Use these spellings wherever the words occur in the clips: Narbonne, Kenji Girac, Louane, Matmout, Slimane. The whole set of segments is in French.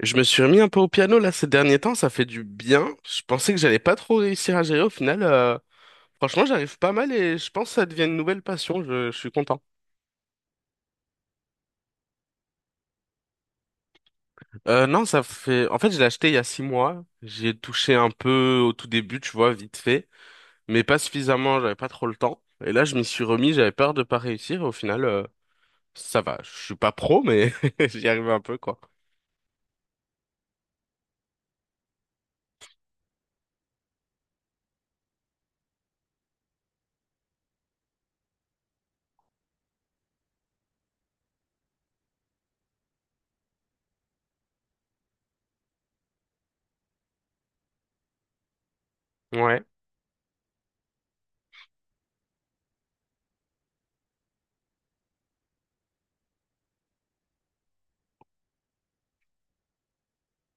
Je me suis remis un peu au piano là ces derniers temps, ça fait du bien. Je pensais que j'allais pas trop réussir à gérer au final, franchement, j'arrive pas mal et je pense que ça devient une nouvelle passion. Je suis content. Non, ça fait. En fait, je l'ai acheté il y a 6 mois. J'y ai touché un peu au tout début, tu vois, vite fait, mais pas suffisamment. J'avais pas trop le temps. Et là, je m'y suis remis. J'avais peur de pas réussir. Au final, ça va. Je suis pas pro, mais j'y arrive un peu quoi. Ouais.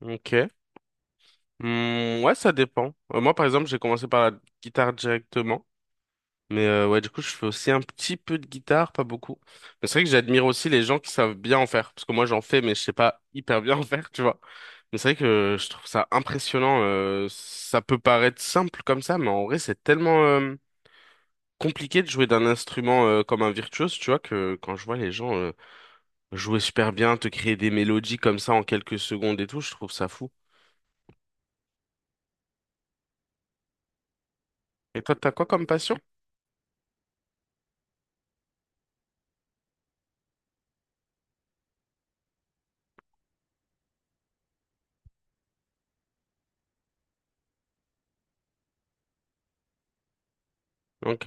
Ok. Hmm, ouais, ça dépend. Moi, par exemple, j'ai commencé par la guitare directement. Mais ouais, du coup, je fais aussi un petit peu de guitare, pas beaucoup. Mais c'est vrai que j'admire aussi les gens qui savent bien en faire. Parce que moi, j'en fais, mais je sais pas hyper bien en faire, tu vois. Mais c'est vrai que je trouve ça impressionnant. Ça peut paraître simple comme ça, mais en vrai, c'est tellement compliqué de jouer d'un instrument comme un virtuose, tu vois, que quand je vois les gens jouer super bien, te créer des mélodies comme ça en quelques secondes et tout, je trouve ça fou. Et toi, t'as quoi comme passion? Ok.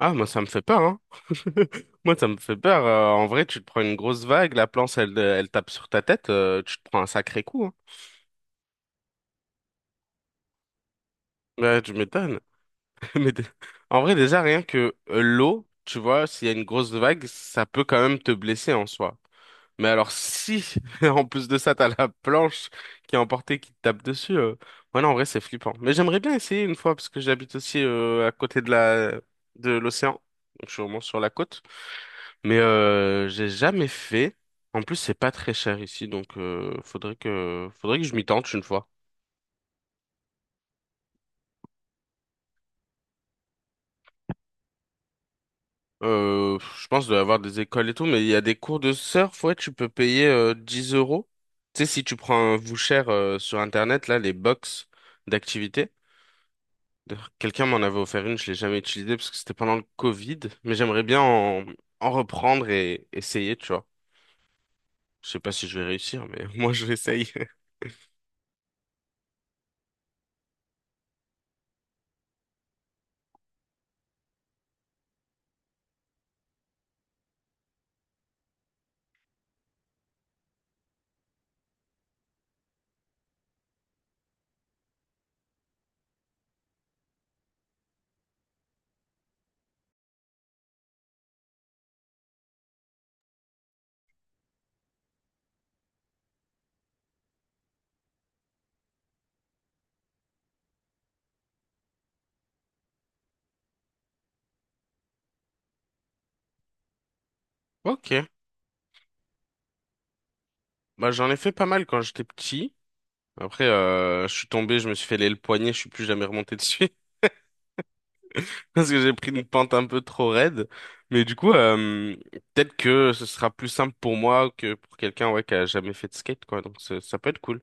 Ah, moi, ça me fait peur, hein. Moi, ça me fait peur. En vrai, tu te prends une grosse vague, la planche, elle tape sur ta tête, tu te prends un sacré coup, hein. Bah, tu m'étonnes. Mais en vrai, déjà, rien que l'eau, tu vois, s'il y a une grosse vague, ça peut quand même te blesser en soi. Mais alors, si, en plus de ça, t'as la planche qui est emportée, qui te tape dessus, ouais, non, en vrai, c'est flippant. Mais j'aimerais bien essayer une fois, parce que j'habite aussi à côté de de l'océan. Donc, je suis au moins sur la côte. Mais j'ai jamais fait. En plus, c'est pas très cher ici, donc faudrait que je m'y tente une fois. Je pense qu'il doit y avoir des écoles et tout, mais il y a des cours de surf, ouais, tu peux payer 10 euros. Tu sais, si tu prends un voucher sur Internet, là, les box d'activités. D'ailleurs, quelqu'un m'en avait offert une, je l'ai jamais utilisée parce que c'était pendant le Covid, mais j'aimerais bien en reprendre et essayer, tu vois. Je sais pas si je vais réussir, mais moi je l'essaye. Ok, bah j'en ai fait pas mal quand j'étais petit. Après, je suis tombé, je me suis fait aller le poignet, je suis plus jamais remonté dessus parce que j'ai pris une pente un peu trop raide. Mais du coup, peut-être que ce sera plus simple pour moi que pour quelqu'un ouais, qui a jamais fait de skate, quoi. Donc ça peut être cool.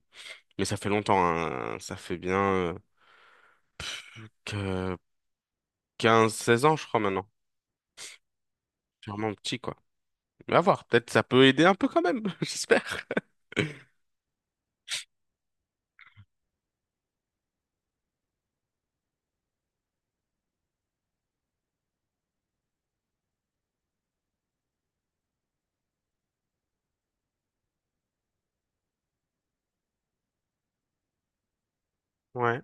Mais ça fait longtemps, hein. Ça fait bien que 15-16 ans, je crois, maintenant. C'est vraiment petit, quoi. Mais à voir, peut-être ça peut aider un peu quand même, j'espère. Ouais.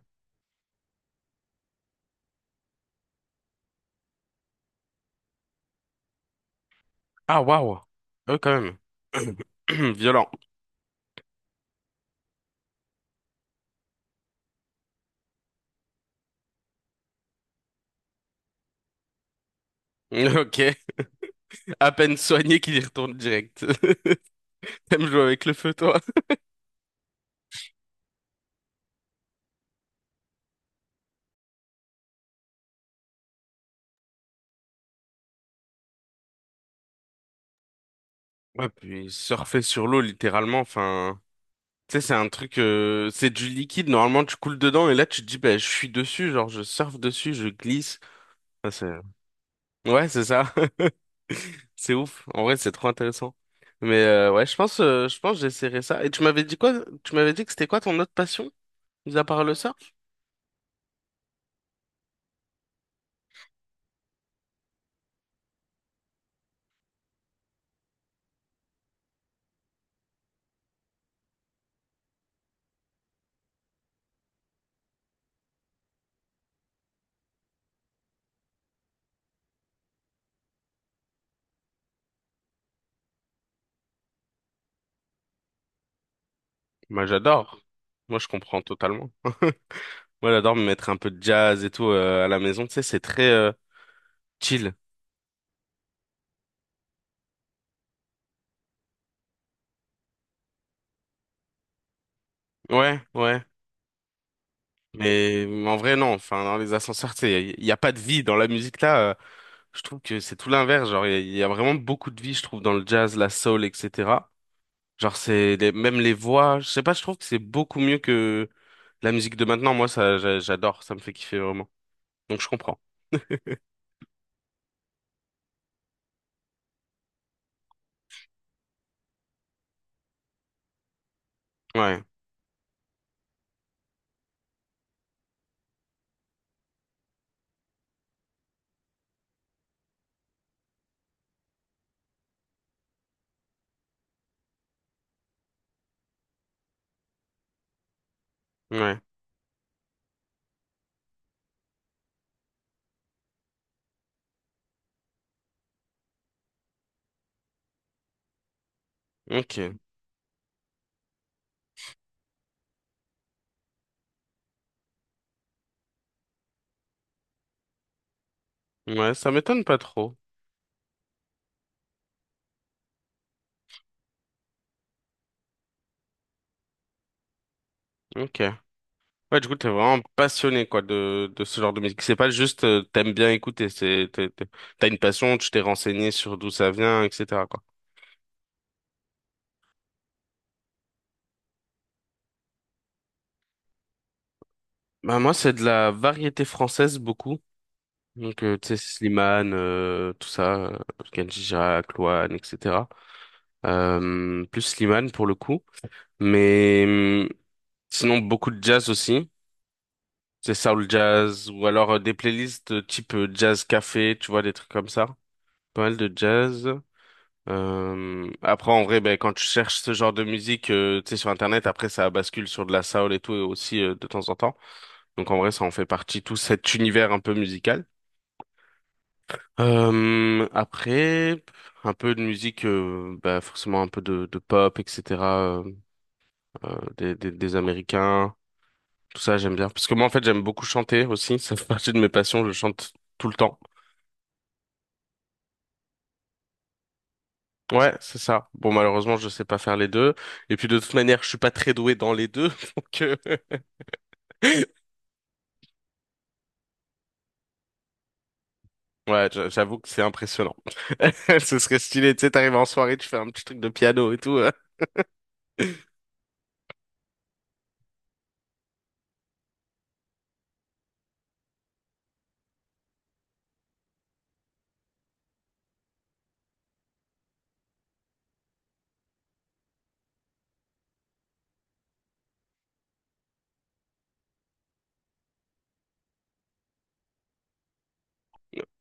Ah, waouh. Ah oui, quand même. Violent. Ok. À peine soigné qu'il y retourne direct. T'aimes jouer avec le feu, toi? Ouais, puis surfer sur l'eau, littéralement, enfin. Tu sais, c'est un truc, c'est du liquide, normalement, tu coules dedans, et là, tu te dis, bah, je suis dessus, genre, je surfe dessus, je glisse. Enfin, ouais, c'est ça. C'est ouf. En vrai, c'est trop intéressant. Mais ouais, je pense que j'essaierai ça. Et tu m'avais dit quoi? Tu m'avais dit que c'était quoi ton autre passion, mis à part le surf? Bah, j'adore. Moi, je comprends totalement. Moi, j'adore me mettre un peu de jazz et tout à la maison, tu sais, c'est très chill. Ouais, ouais. Mais en vrai, non. Enfin, dans les ascenseurs, tu sais, il n'y a, y a pas de vie. Dans la musique, là, je trouve que c'est tout l'inverse. Genre, il y, a y a vraiment beaucoup de vie, je trouve, dans le jazz, la soul, etc. Genre, c'est même les voix. Je sais pas, je trouve que c'est beaucoup mieux que la musique de maintenant. Moi, ça, j'adore. Ça me fait kiffer vraiment. Donc, je comprends. Ouais, ouais, ok. Ouais, ça m'étonne pas trop. Ok. Ouais, du coup, t'es vraiment passionné, quoi, de ce genre de musique. C'est pas juste, t'aimes bien écouter. T'as une passion, tu t'es renseigné sur d'où ça vient, etc. Bah, moi, c'est de la variété française beaucoup. Donc, tu sais, Slimane, tout ça, Kenji Girac, Louane, etc. Plus Slimane pour le coup. Mais sinon, beaucoup de jazz aussi. C'est soul jazz ou alors des playlists type jazz café, tu vois, des trucs comme ça. Pas mal de jazz. Après, en vrai, ben, quand tu cherches ce genre de musique, tu sais, sur Internet, après, ça bascule sur de la soul et tout, et aussi de temps en temps. Donc, en vrai, ça en fait partie, tout cet univers un peu musical. Après, un peu de musique, bah forcément un peu de pop, etc. euh, des Américains, tout ça j'aime bien. Parce que moi en fait j'aime beaucoup chanter aussi, ça fait partie de mes passions, je chante tout le temps. Ouais, c'est ça. Bon malheureusement je sais pas faire les deux. Et puis de toute manière je suis pas très doué dans les deux, donc ouais j'avoue que c'est impressionnant. Ce serait stylé, tu sais, t'arrives en soirée, tu fais un petit truc de piano et tout.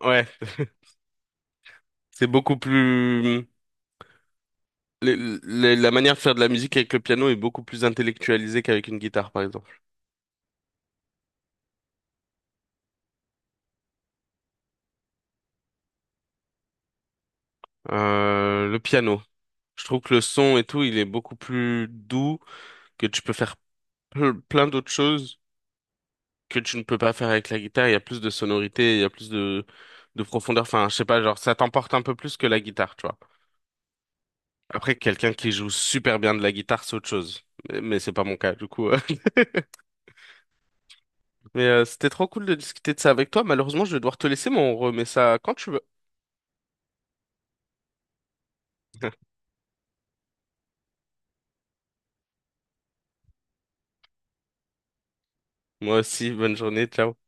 Ouais, c'est beaucoup plus. les- la manière de faire de la musique avec le piano est beaucoup plus intellectualisée qu'avec une guitare, par exemple. Le piano. Je trouve que le son et tout, il est beaucoup plus doux, que tu peux faire plein d'autres choses que tu ne peux pas faire avec la guitare. Il y a plus de sonorité, il y a plus de profondeur. Enfin, je sais pas, genre, ça t'emporte un peu plus que la guitare, tu vois. Après, quelqu'un qui joue super bien de la guitare, c'est autre chose. Mais c'est pas mon cas, du coup. Mais c'était trop cool de discuter de ça avec toi. Malheureusement, je vais devoir te laisser, mais on remet ça quand tu veux. Moi aussi, bonne journée, ciao.